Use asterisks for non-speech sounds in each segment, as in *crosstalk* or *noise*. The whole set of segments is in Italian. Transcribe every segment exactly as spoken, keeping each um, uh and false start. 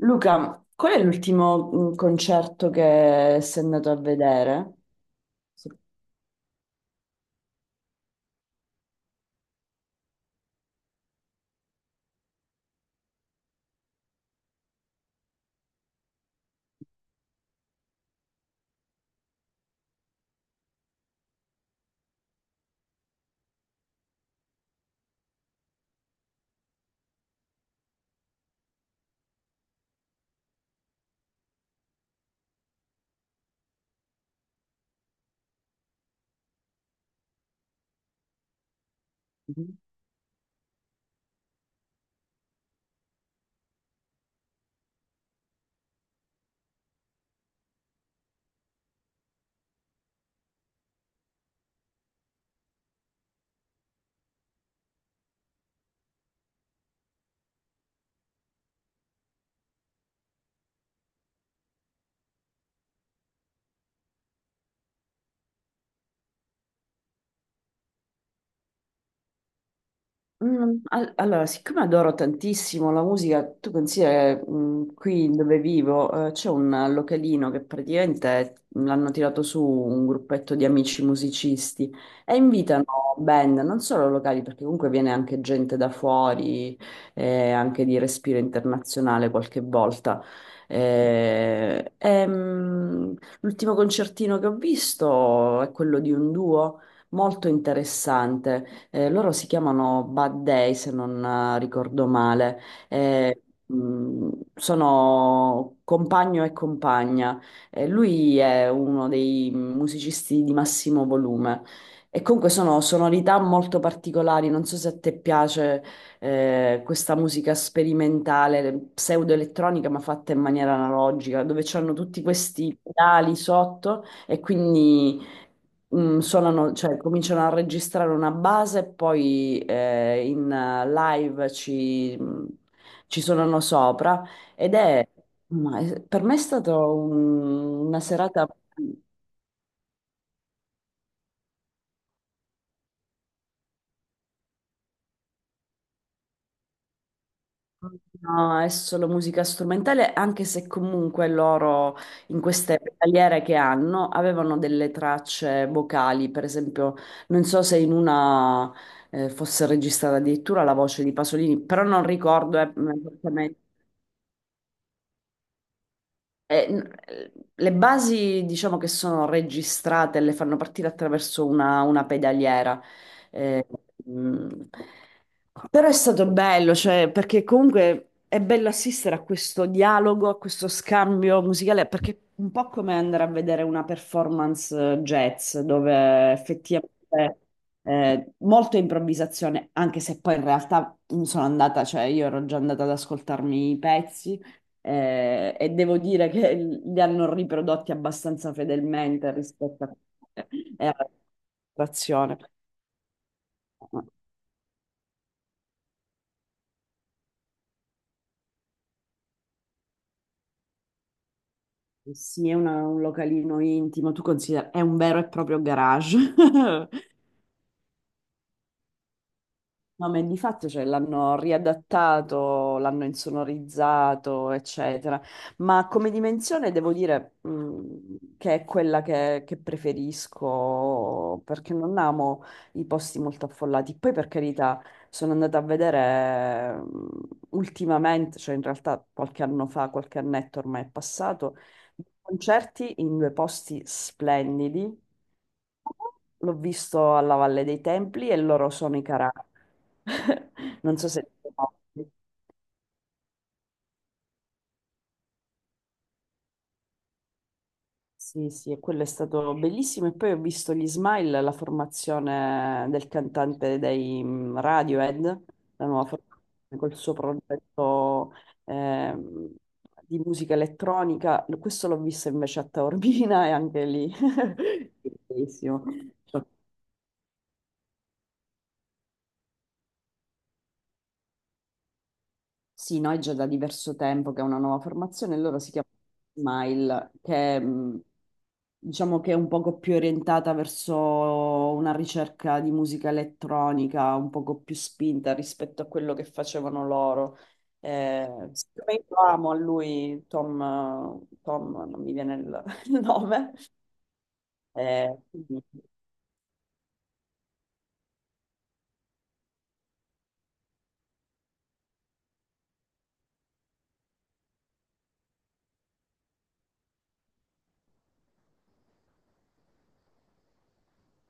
Luca, qual è l'ultimo mm, concerto che sei andato a vedere? Se- Mm, al- Allora, siccome adoro tantissimo la musica, tu considera che, mm, qui dove vivo, eh, c'è un localino che praticamente l'hanno tirato su un gruppetto di amici musicisti e invitano band, non solo locali, perché comunque viene anche gente da fuori, eh, anche di respiro internazionale qualche volta. Eh, e, mm, L'ultimo concertino che ho visto è quello di un duo molto interessante. Eh, loro si chiamano Bad Day, se non eh, ricordo male. Eh, mh, Sono compagno e compagna. Eh, lui è uno dei musicisti di massimo volume. E comunque sono sonorità molto particolari, non so se a te piace eh, questa musica sperimentale, pseudoelettronica, ma fatta in maniera analogica, dove c'hanno tutti questi pedali sotto, e quindi mm, suonano, cioè, cominciano a registrare una base, e poi eh, in eh, live ci, mm, ci suonano sopra ed è, ma è- per me è stata un- una serata. No, è solo musica strumentale, anche se comunque loro in queste tagliere che hanno avevano delle tracce vocali, per esempio, non so se in una... eh, fosse registrata addirittura la voce di Pasolini, però non ricordo eh, esattamente. Eh, n- eh, le basi diciamo che sono registrate, le fanno partire attraverso una, una pedaliera. Eh, mm, Però è stato bello, cioè, perché comunque è bello assistere a questo dialogo, a questo scambio musicale, perché è un po' come andare a vedere una performance eh, jazz, dove effettivamente eh, molto improvvisazione, anche se poi in realtà mm, sono andata, cioè io ero già andata ad ascoltarmi i pezzi, eh, e devo dire che *laughs* li hanno riprodotti abbastanza fedelmente rispetto a eh, alla situazione. Sì, è una- un localino intimo, tu consideri, è un vero e proprio garage. *laughs* No, ma di fatto cioè, l'hanno riadattato, l'hanno insonorizzato, eccetera. Ma come dimensione devo dire mh, che è quella che, che preferisco perché non amo i posti molto affollati. Poi, per carità, sono andata a vedere mh, ultimamente, cioè in realtà qualche anno fa, qualche annetto ormai è passato, concerti in due posti splendidi. L'ho visto alla Valle dei Templi e loro sono i Caraibi. *laughs* Non so se... Sì, sì, e quello è stato bellissimo. E poi ho visto gli Smile, la formazione del cantante dei mm, Radiohead, la nuova formazione col suo progetto, ehm, di musica elettronica. Questo l'ho visto invece a Taormina *laughs* e anche lì. *laughs* Bellissimo. Sì, noi già da diverso tempo che è una nuova formazione, loro si chiamano Smile, che mh, diciamo che è un poco più orientata verso una ricerca di musica elettronica, un poco più spinta rispetto a quello che facevano loro. Eh, siccome io amo a lui, Tom, Tom, non mi viene il *laughs* il nome, eh, quindi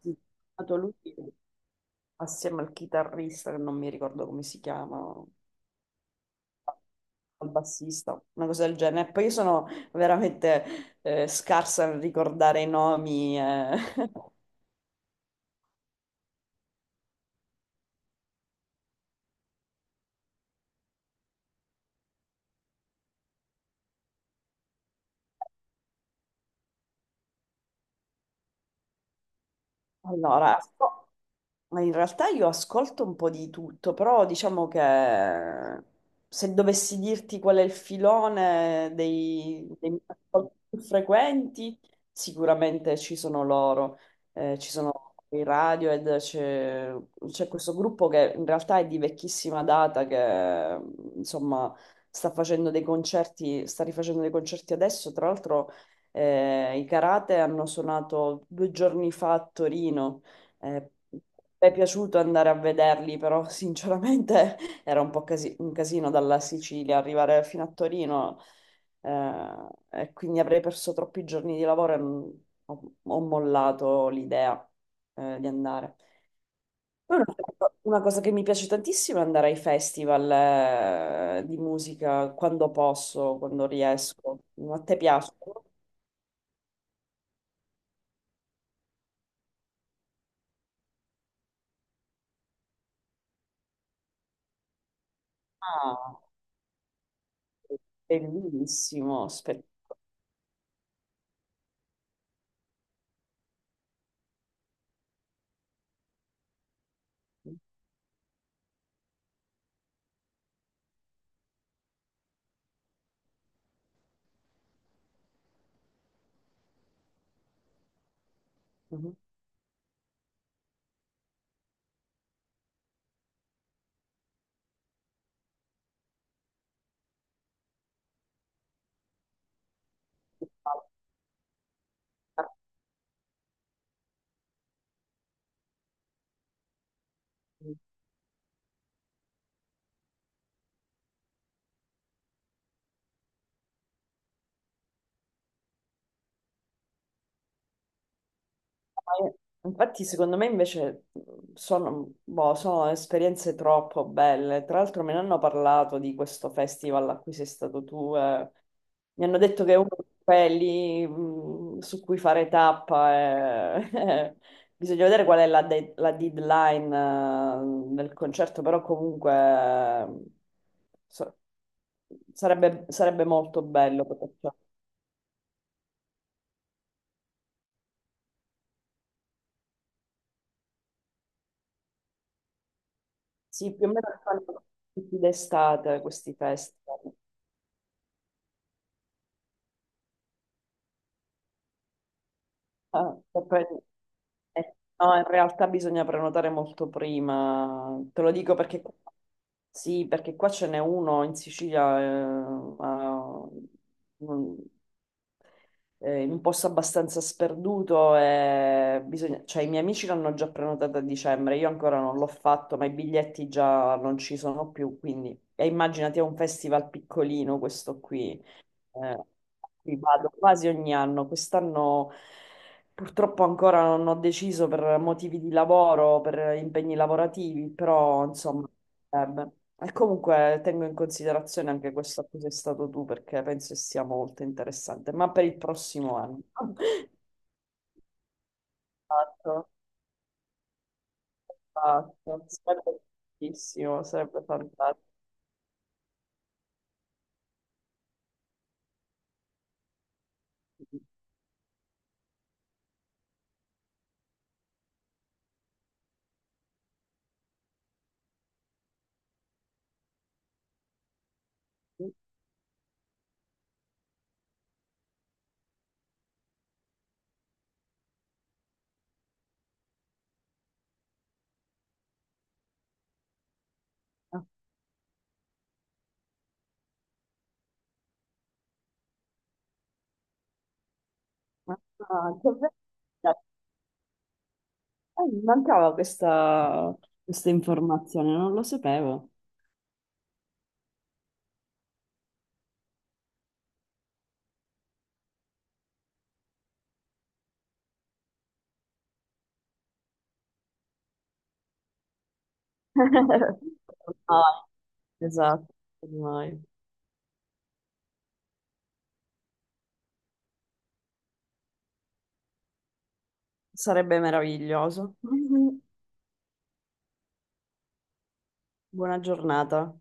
sì, è stato lui assieme al chitarrista, che non mi ricordo come si chiama, al bassista, una cosa del genere. Poi io sono veramente eh, scarsa nel ricordare i nomi. Eh. Allora, Ma in realtà io ascolto un po' di tutto, però diciamo che, se dovessi dirti qual è il filone dei, dei miei ascolti più frequenti, sicuramente ci sono loro. Eh, ci sono i Radiohead, c'è c'è questo gruppo che in realtà è di vecchissima data, che insomma sta facendo dei concerti, sta rifacendo dei concerti adesso, tra l'altro eh, i Karate hanno suonato due giorni fa a Torino, eh, mi è piaciuto andare a vederli, però sinceramente *laughs* era un po' casi- un casino dalla Sicilia arrivare fino a Torino, eh, e quindi avrei perso troppi giorni di lavoro e non- ho, ho mollato l'idea, eh, di andare. Poi Una una cosa che mi piace tantissimo è andare ai festival, eh, di musica quando posso, quando riesco. A te piace? Ah, bellissimo, spettacolo. Ma io- Infatti, secondo me invece sono, boh, sono esperienze troppo belle. Tra l'altro, me ne hanno parlato di questo festival a cui sei stato tu. Eh. Mi hanno detto che è uno di quelli mh, su cui fare tappa. Eh. *laughs* Bisogna vedere qual è la, de- la deadline eh, del concerto, però comunque eh, so- sarebbe, sarebbe molto bello poterci. Sì, più o meno fanno tutti d'estate questi festival. Ah, e poi- eh, no, in realtà bisogna prenotare molto prima. Te lo dico perché sì, perché qua ce n'è uno in Sicilia, eh, a- un- eh, in un posto abbastanza sperduto e bisogna- cioè, i miei amici l'hanno già prenotata a dicembre, io ancora non l'ho fatto, ma i biglietti già non ci sono più, quindi e immaginati è un festival piccolino questo qui. Eh, ci vado quasi ogni anno. Quest'anno purtroppo ancora non ho deciso per motivi di lavoro, per impegni lavorativi, però insomma. Sarebbe. E comunque tengo in considerazione anche questo a cui sei stato tu perché penso che sia molto interessante, ma per il prossimo anno. *laughs* Esatto, esatto. Sarebbe bellissimo, sarebbe fantastico. Ah, ah, ah, dov'è? Eh, mi mancava questa, questa informazione, non lo sapevo. *laughs* Ah, esatto, ormai. Sarebbe meraviglioso. *laughs* Buona giornata.